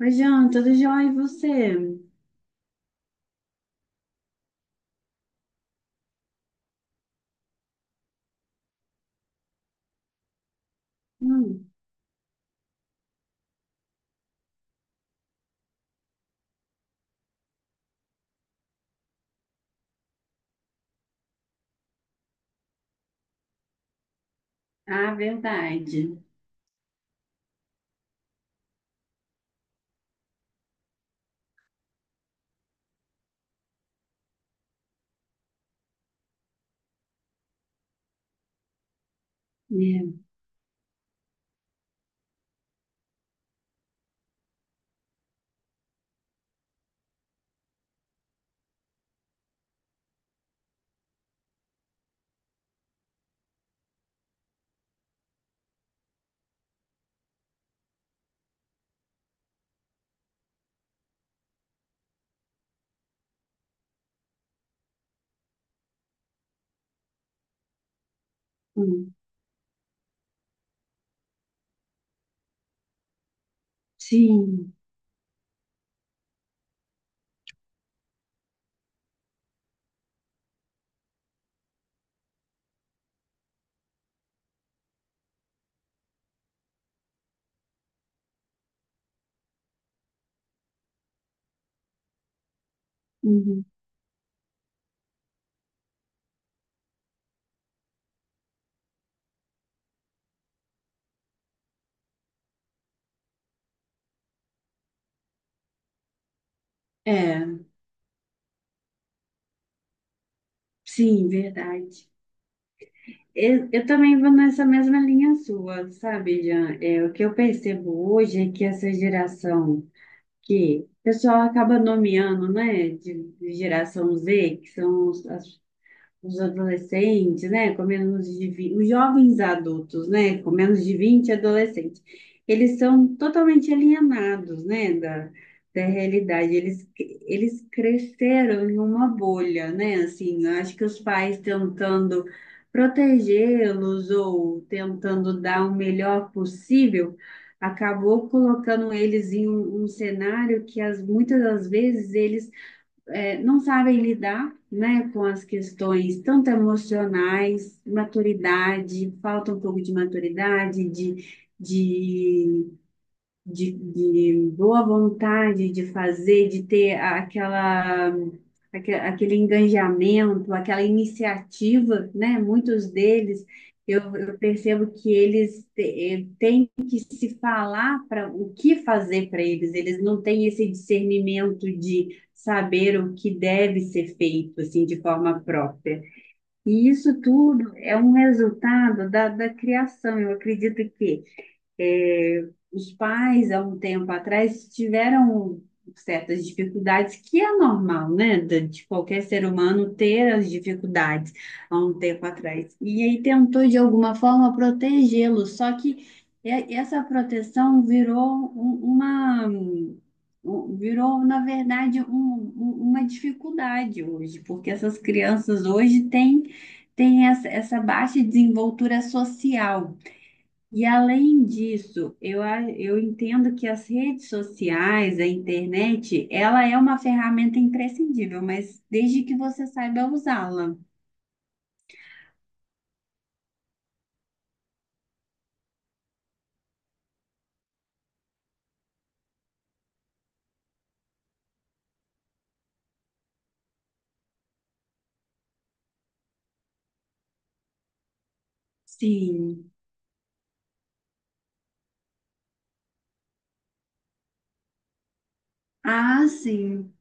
Oi, João, tudo jóia? E você? Hum. Ah, verdade. É. Hum. Sim. Uhum. É. Sim. Verdade. Eu também vou nessa mesma linha sua, sabe, Jean? O que eu percebo hoje é que essa geração que o pessoal acaba nomeando, né, de geração Z, que são os- as os adolescentes, né, com menos de 20, os jovens adultos, né, com menos de 20, adolescentes, eles são totalmente alienados, né, da realidade. Eles cresceram em uma bolha, né, assim, eu acho que os pais tentando protegê-los ou tentando dar o melhor possível, acabou colocando eles em um cenário que muitas das vezes não sabem lidar, né, com as questões tanto emocionais, maturidade, falta um pouco de maturidade, de de boa vontade de fazer, de ter aquela, aquele engajamento, aquela iniciativa, né? Muitos deles, eu percebo que têm que se falar para o que fazer para eles, eles não têm esse discernimento de saber o que deve ser feito, assim, de forma própria. E isso tudo é um resultado da criação. Eu acredito que os pais, há um tempo atrás, tiveram certas dificuldades, que é normal, né? De qualquer ser humano ter as dificuldades há um tempo atrás. E aí tentou, de alguma forma, protegê-lo, só que essa proteção virou Virou, na verdade, uma dificuldade hoje, porque essas crianças hoje têm essa baixa desenvoltura social. E além disso, eu entendo que as redes sociais, a internet, ela é uma ferramenta imprescindível, mas desde que você saiba usá-la. Sim. Ah, sim.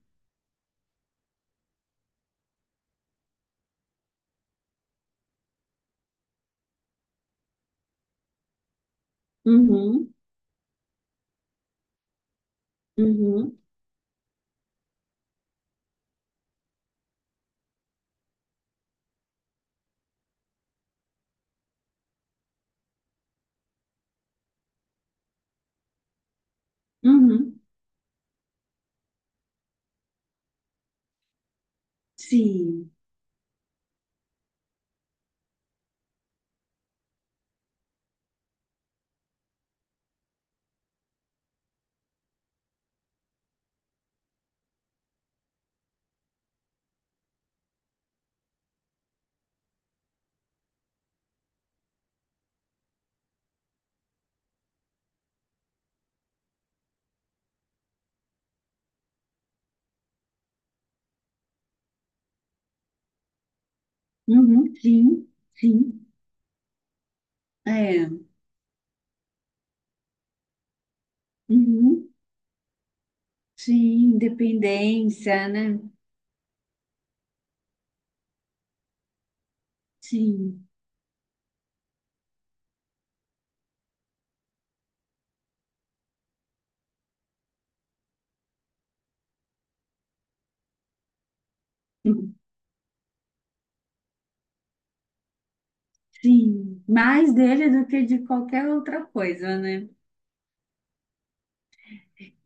Uhum, uhum, uhum. Sim. Uhum, sim, sim. É. Uhum, sim. Dependência, né? Sim. Sim. Mais dele do que de qualquer outra coisa, né?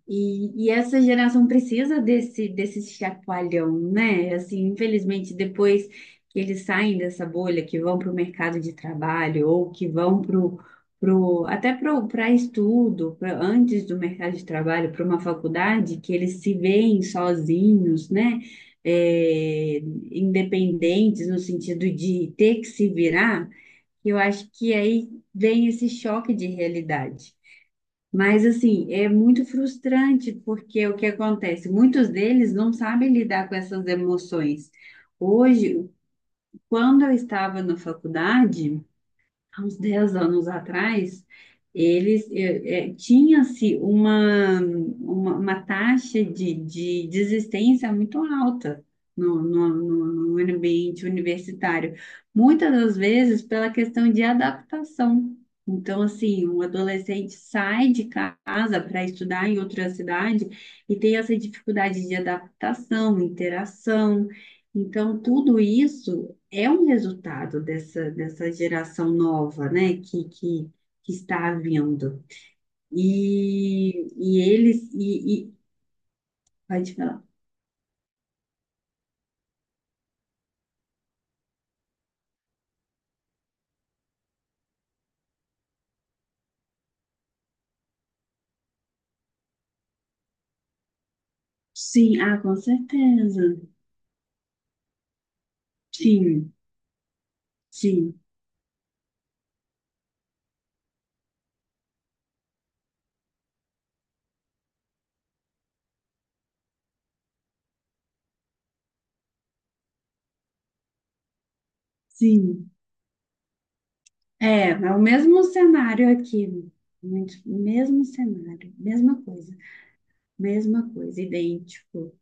E essa geração precisa desse chacoalhão, né? Assim, infelizmente, depois que eles saem dessa bolha, que vão para o mercado de trabalho ou que vão pro, até para estudo, antes do mercado de trabalho, para uma faculdade, que eles se veem sozinhos, né? É, independentes no sentido de ter que se virar, eu acho que aí vem esse choque de realidade. Mas assim, é muito frustrante porque o que acontece? Muitos deles não sabem lidar com essas emoções. Hoje, quando eu estava na faculdade, há uns 10 anos atrás, tinha-se uma taxa de desistência muito alta no ambiente universitário, muitas das vezes pela questão de adaptação. Então, assim, um adolescente sai de casa para estudar em outra cidade e tem essa dificuldade de adaptação, interação. Então, tudo isso é um resultado dessa, dessa geração nova, né, que, que está vindo. E, e eles, e, e- Pode falar. Sim, ah, com certeza, sim, sim, sim. É o mesmo cenário aqui, muito, mesmo cenário, mesma coisa, idêntico.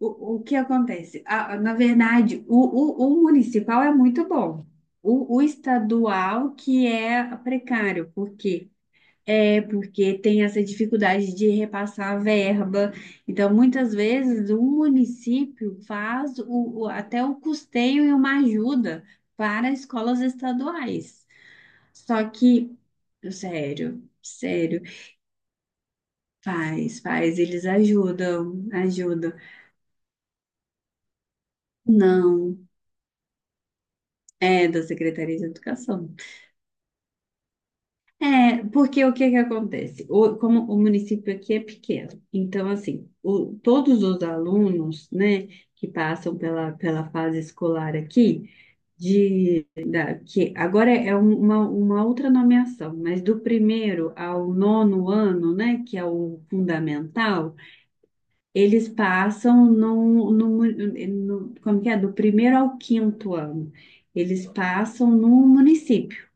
O que acontece? Ah, na verdade, o municipal é muito bom. O estadual que é precário, porque porque tem essa dificuldade de repassar a verba. Então, muitas vezes, o município faz até o custeio e uma ajuda para escolas estaduais. Só que, sério, sério, faz, faz, eles ajudam, ajudam. Não, é da Secretaria de Educação. É, porque o que que acontece? Como o município aqui é pequeno, então, assim, todos os alunos, né, que passam pela, pela fase escolar aqui, que agora é uma outra nomeação, mas do primeiro ao nono ano, né, que é o fundamental, eles passam no. No, Como que é? Do primeiro ao quinto ano, eles passam no município.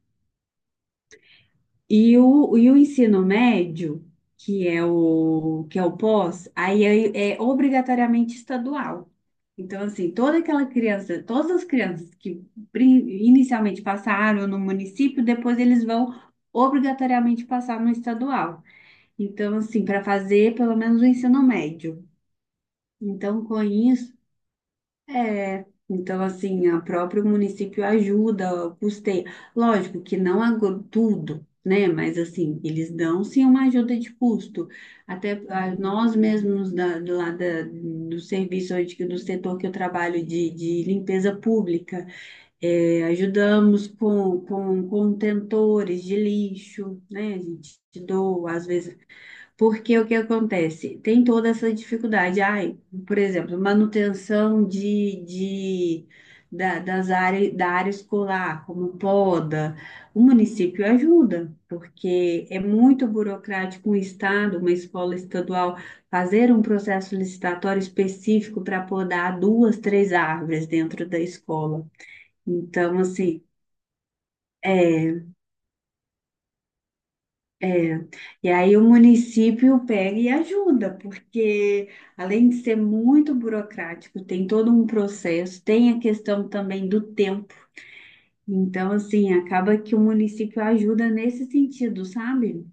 E o ensino médio, que é o pós, aí é obrigatoriamente estadual. Então, assim, toda aquela criança, todas as crianças que inicialmente passaram no município, depois eles vão obrigatoriamente passar no estadual. Então, assim, para fazer pelo menos o ensino médio. Então, com isso, então assim, o próprio município ajuda, custeia. Lógico que não tudo, né? Mas assim, eles dão sim uma ajuda de custo. Até nós mesmos da, do, lá da- do serviço do setor que eu trabalho de limpeza pública, é, ajudamos com contentores de lixo, né? A gente doa, às vezes porque o que acontece? Tem toda essa dificuldade. Ai, por exemplo, manutenção da área escolar, como poda. O município ajuda, porque é muito burocrático um estado, uma escola estadual, fazer um processo licitatório específico para podar duas, três árvores dentro da escola. Então, assim. é É, e aí o município pega e ajuda, porque além de ser muito burocrático, tem todo um processo, tem a questão também do tempo. Então, assim, acaba que o município ajuda nesse sentido, sabe?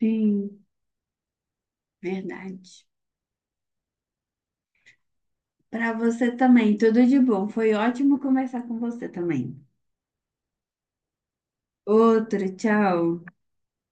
Sim, verdade. Para você também, tudo de bom. Foi ótimo conversar com você também. Outro, tchau.